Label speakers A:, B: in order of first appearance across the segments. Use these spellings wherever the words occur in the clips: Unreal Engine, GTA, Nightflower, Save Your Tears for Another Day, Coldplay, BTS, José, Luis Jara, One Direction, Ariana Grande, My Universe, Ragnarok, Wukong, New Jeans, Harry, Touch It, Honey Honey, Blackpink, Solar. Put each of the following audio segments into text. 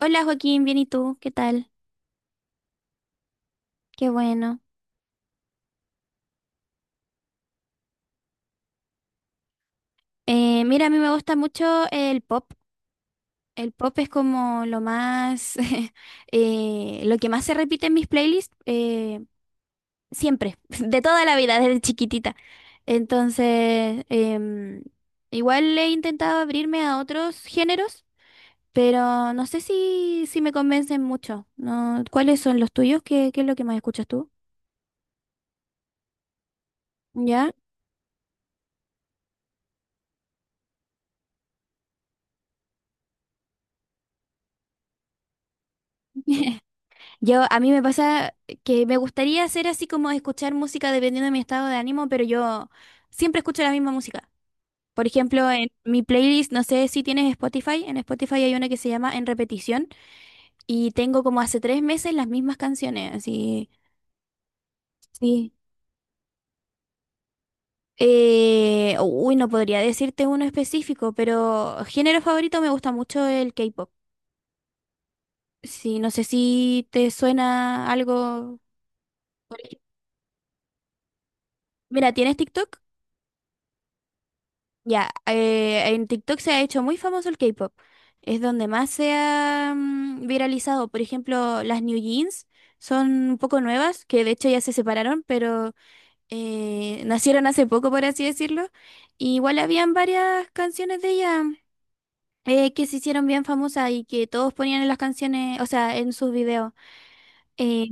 A: Hola Joaquín, bien, ¿y tú? ¿Qué tal? Qué bueno. Mira, a mí me gusta mucho el pop. El pop es como lo más, lo que más se repite en mis playlists, siempre, de toda la vida, desde chiquitita. Entonces, igual he intentado abrirme a otros géneros, pero no sé si me convencen mucho, ¿no? ¿Cuáles son los tuyos? ¿Qué es lo que más escuchas tú? ¿Ya? A mí me pasa que me gustaría hacer así como escuchar música dependiendo de mi estado de ánimo, pero yo siempre escucho la misma música. Por ejemplo, en mi playlist, no sé si tienes Spotify, en Spotify hay una que se llama En repetición, y tengo como hace tres meses las mismas canciones, así, sí. Uy, no podría decirte uno específico, pero género favorito, me gusta mucho el K-pop. Sí, no sé si te suena algo. Mira, ¿tienes TikTok? Ya, en TikTok se ha hecho muy famoso el K-pop. Es donde más se ha viralizado. Por ejemplo, las New Jeans son un poco nuevas, que de hecho ya se separaron, pero nacieron hace poco, por así decirlo. Y igual habían varias canciones de ellas, que se hicieron bien famosas y que todos ponían en las canciones, o sea, en sus videos. Eh,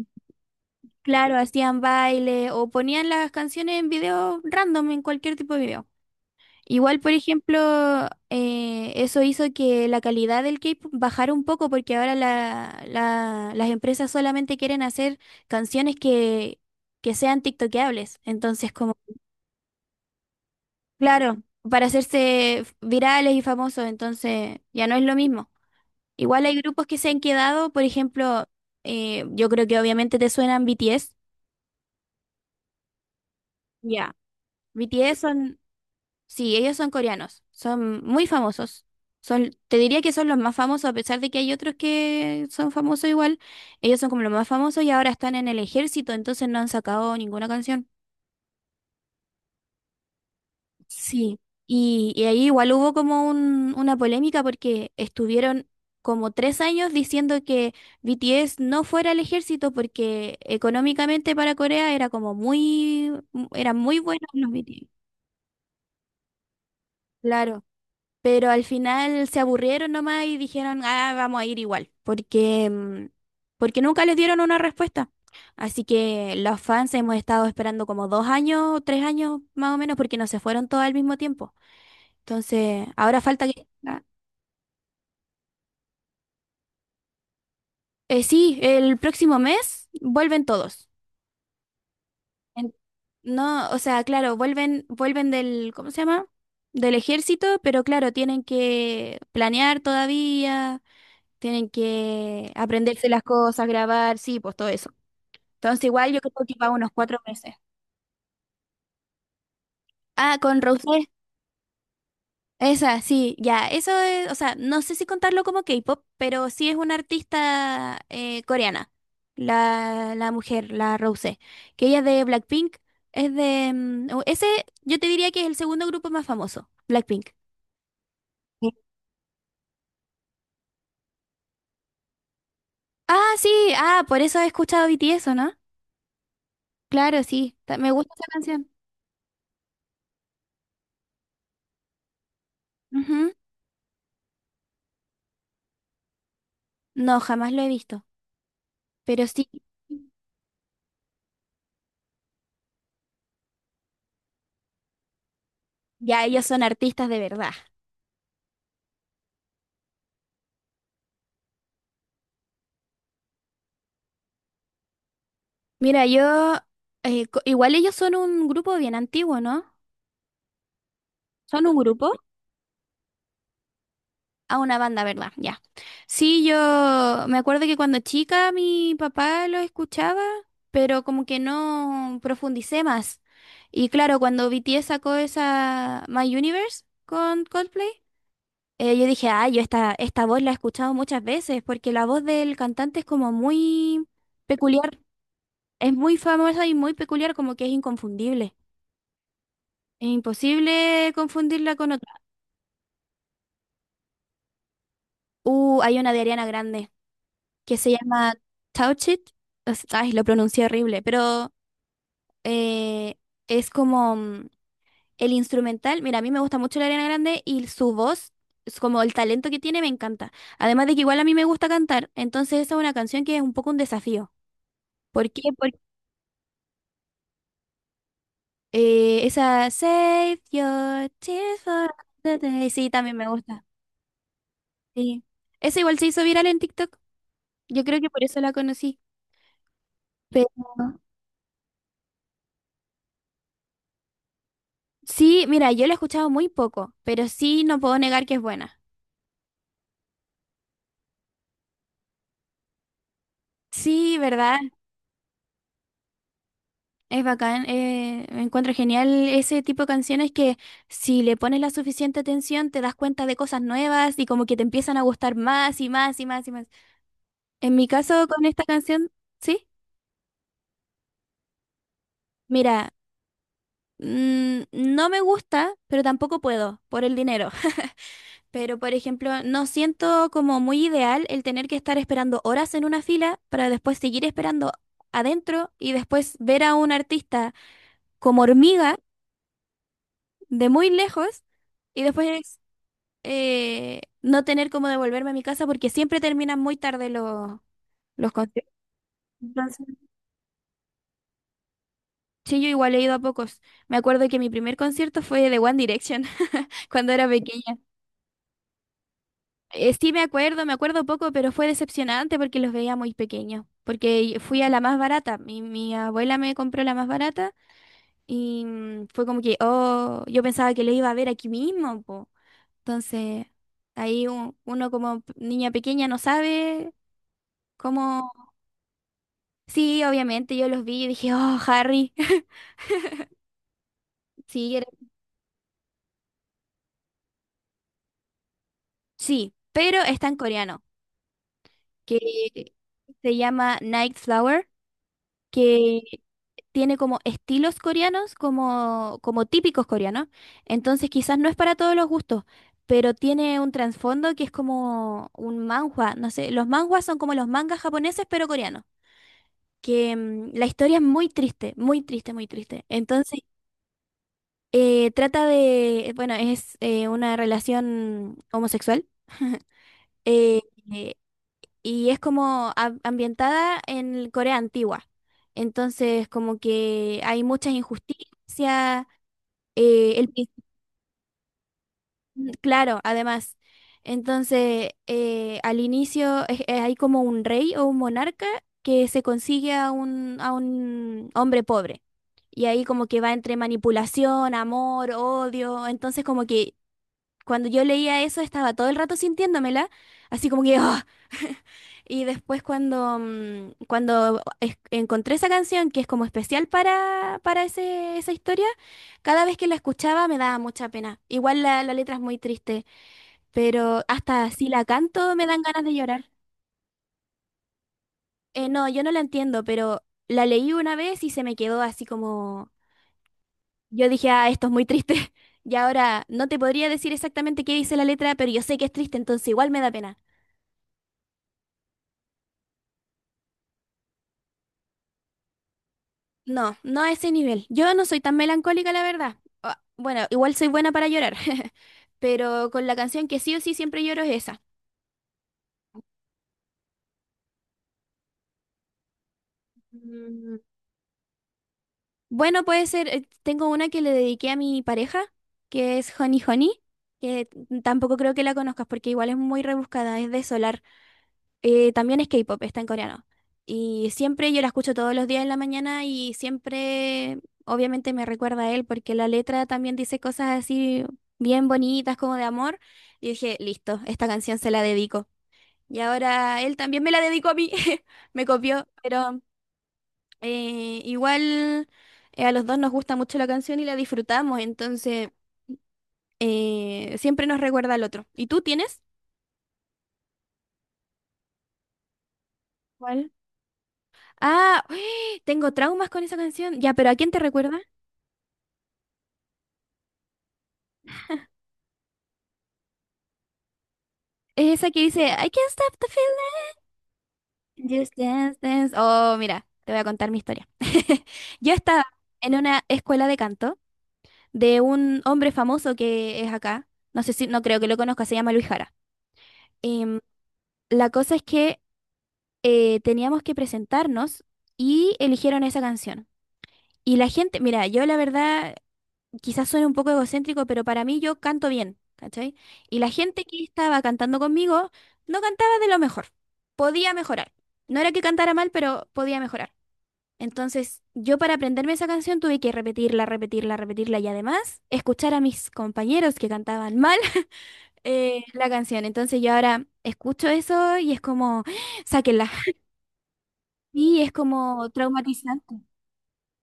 A: claro, hacían baile o ponían las canciones en videos random, en cualquier tipo de video. Igual, por ejemplo, eso hizo que la calidad del K-pop bajara un poco porque ahora las empresas solamente quieren hacer canciones que sean tiktokeables. Entonces, como, claro, para hacerse virales y famosos, entonces ya no es lo mismo. Igual hay grupos que se han quedado, por ejemplo, yo creo que obviamente te suenan BTS. Ya. BTS son... Sí, ellos son coreanos, son muy famosos. Son, te diría que son los más famosos, a pesar de que hay otros que son famosos igual. Ellos son como los más famosos y ahora están en el ejército, entonces no han sacado ninguna canción. Sí, y ahí igual hubo como una polémica porque estuvieron como tres años diciendo que BTS no fuera al ejército porque económicamente para Corea era como muy, era muy bueno los BTS. Claro. Pero al final se aburrieron nomás y dijeron, ah, vamos a ir igual, porque, porque nunca les dieron una respuesta. Así que los fans hemos estado esperando como dos años, tres años más o menos, porque no se fueron todos al mismo tiempo. Entonces, ahora falta que... ah, sí, el próximo mes vuelven todos. En- No, o sea, claro, vuelven, vuelven del, ¿cómo se llama? Del ejército, pero claro, tienen que planear todavía. Tienen que aprenderse las cosas, grabar, sí, pues todo eso. Entonces, igual yo creo que va unos cuatro meses. Ah, con Rosé. Esa, sí, ya. Eso es, o sea, no sé si contarlo como K-pop, pero sí es una artista coreana. La mujer, la Rosé. Que ella es de Blackpink. Es de... yo te diría que es el segundo grupo más famoso, Blackpink. Sí. Ah, sí, ah, por eso he escuchado BTS, ¿o no? Claro, sí. Me gusta esa canción. Ujú. No, jamás lo he visto. Pero sí, ya ellos son artistas de verdad. Mira, yo, igual ellos son un grupo bien antiguo, ¿no? Son un grupo, a una banda, ¿verdad? Ya. Sí, yo me acuerdo que cuando chica mi papá lo escuchaba, pero como que no profundicé más. Y claro, cuando BTS sacó esa My Universe con Coldplay, yo dije, ah, yo esta voz la he escuchado muchas veces, porque la voz del cantante es como muy peculiar. Es muy famosa y muy peculiar, como que es inconfundible. Es imposible confundirla con otra. Hay una de Ariana Grande que se llama Touch It. Es... ay, lo pronuncié horrible, pero eh, es como el instrumental. Mira, a mí me gusta mucho la Ariana Grande y su voz, es como el talento que tiene, me encanta. Además de que igual a mí me gusta cantar, entonces esa es una canción que es un poco un desafío. ¿Por qué? Porque esa Save Your Tears for Another Day, sí, también me gusta. Sí. Esa igual se hizo viral en TikTok. Yo creo que por eso la conocí. Pero sí, mira, yo la he escuchado muy poco, pero sí no puedo negar que es buena. Sí, ¿verdad? Es bacán. Me encuentro genial ese tipo de canciones que si le pones la suficiente atención te das cuenta de cosas nuevas y como que te empiezan a gustar más y más y más y más. En mi caso con esta canción, sí, mira, mm, no me gusta, pero tampoco puedo por el dinero. Pero, por ejemplo, no siento como muy ideal el tener que estar esperando horas en una fila para después seguir esperando adentro y después ver a un artista como hormiga de muy lejos y después no tener como devolverme a mi casa porque siempre terminan muy tarde los conciertos. Entonces, sí, yo igual he ido a pocos. Me acuerdo que mi primer concierto fue de One Direction cuando era pequeña. Sí, me acuerdo poco, pero fue decepcionante porque los veía muy pequeños. Porque fui a la más barata. Mi abuela me compró la más barata y fue como que, oh, yo pensaba que lo iba a ver aquí mismo, po. Entonces, ahí uno como niña pequeña no sabe cómo. Sí, obviamente yo los vi y dije, oh, Harry. Sí, sí, pero está en coreano, que se llama Nightflower, que tiene como estilos coreanos, como, como típicos coreanos. Entonces quizás no es para todos los gustos, pero tiene un trasfondo que es como un manhwa. No sé, los manhwas son como los mangas japoneses, pero coreanos. Que la historia es muy triste, muy triste, muy triste. Entonces bueno, es una relación homosexual, eh, eh, y es como ambientada en Corea antigua. Entonces como que hay muchas injusticias. Eh, el prin- claro, además. Entonces, al inicio hay como un rey o un monarca que se consigue a a un hombre pobre. Y ahí como que va entre manipulación, amor, odio. Entonces como que cuando yo leía eso estaba todo el rato sintiéndomela, así como que, ¡ah! Y después cuando, cuando encontré esa canción, que es como especial para esa historia, cada vez que la escuchaba me daba mucha pena. Igual la letra es muy triste, pero hasta si la canto me dan ganas de llorar. No, yo no la entiendo, pero la leí una vez y se me quedó así como... Yo dije, ah, esto es muy triste. Y ahora no te podría decir exactamente qué dice la letra, pero yo sé que es triste, entonces igual me da pena. No, no a ese nivel. Yo no soy tan melancólica, la verdad. Ah, bueno, igual soy buena para llorar, pero con la canción que sí o sí siempre lloro es esa. Mm, bueno, puede ser, tengo una que le dediqué a mi pareja, que es Honey Honey, que tampoco creo que la conozcas porque igual es muy rebuscada, es de Solar. También es K-pop, está en coreano. Y siempre yo la escucho todos los días en la mañana y siempre, obviamente, me recuerda a él porque la letra también dice cosas así bien bonitas, como de amor. Y dije, listo, esta canción se la dedico. Y ahora él también me la dedicó a mí, me copió, pero igual a los dos nos gusta mucho la canción y la disfrutamos, entonces siempre nos recuerda al otro. ¿Y tú tienes? ¿Cuál? Ah, tengo traumas con esa canción. Ya, pero ¿a quién te recuerda? Es esa que dice, I can't stop the feeling, just dance, dance. Oh, mira, te voy a contar mi historia. Yo estaba en una escuela de canto de un hombre famoso que es acá. No sé si... no creo que lo conozca, se llama Luis Jara. Em, la cosa es que teníamos que presentarnos y eligieron esa canción. Y la gente, mira, yo la verdad quizás suene un poco egocéntrico, pero para mí yo canto bien, ¿cachai? Y la gente que estaba cantando conmigo no cantaba de lo mejor, podía mejorar. No era que cantara mal, pero podía mejorar. Entonces, yo para aprenderme esa canción tuve que repetirla, repetirla, repetirla y además escuchar a mis compañeros que cantaban mal la canción. Entonces, yo ahora escucho eso y es como, sáquenla. Y es como traumatizante.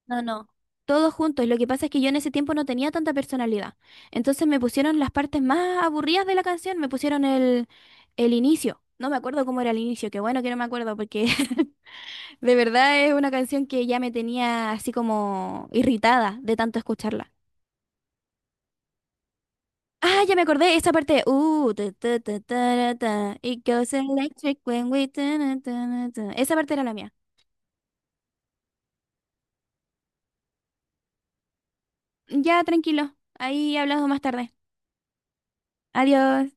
A: No, no, todos juntos. Lo que pasa es que yo en ese tiempo no tenía tanta personalidad. Entonces me pusieron las partes más aburridas de la canción, me pusieron el inicio. No me acuerdo cómo era el inicio, qué bueno que no me acuerdo porque de verdad es una canción que ya me tenía así como irritada de tanto escucharla. Ah, ya me acordé, esa parte. Ta, ta, ta, ta, ta, It goes electric when we ta, na, ta, na, ta. Esa parte era la mía. Ya, tranquilo. Ahí hablamos más tarde. Adiós.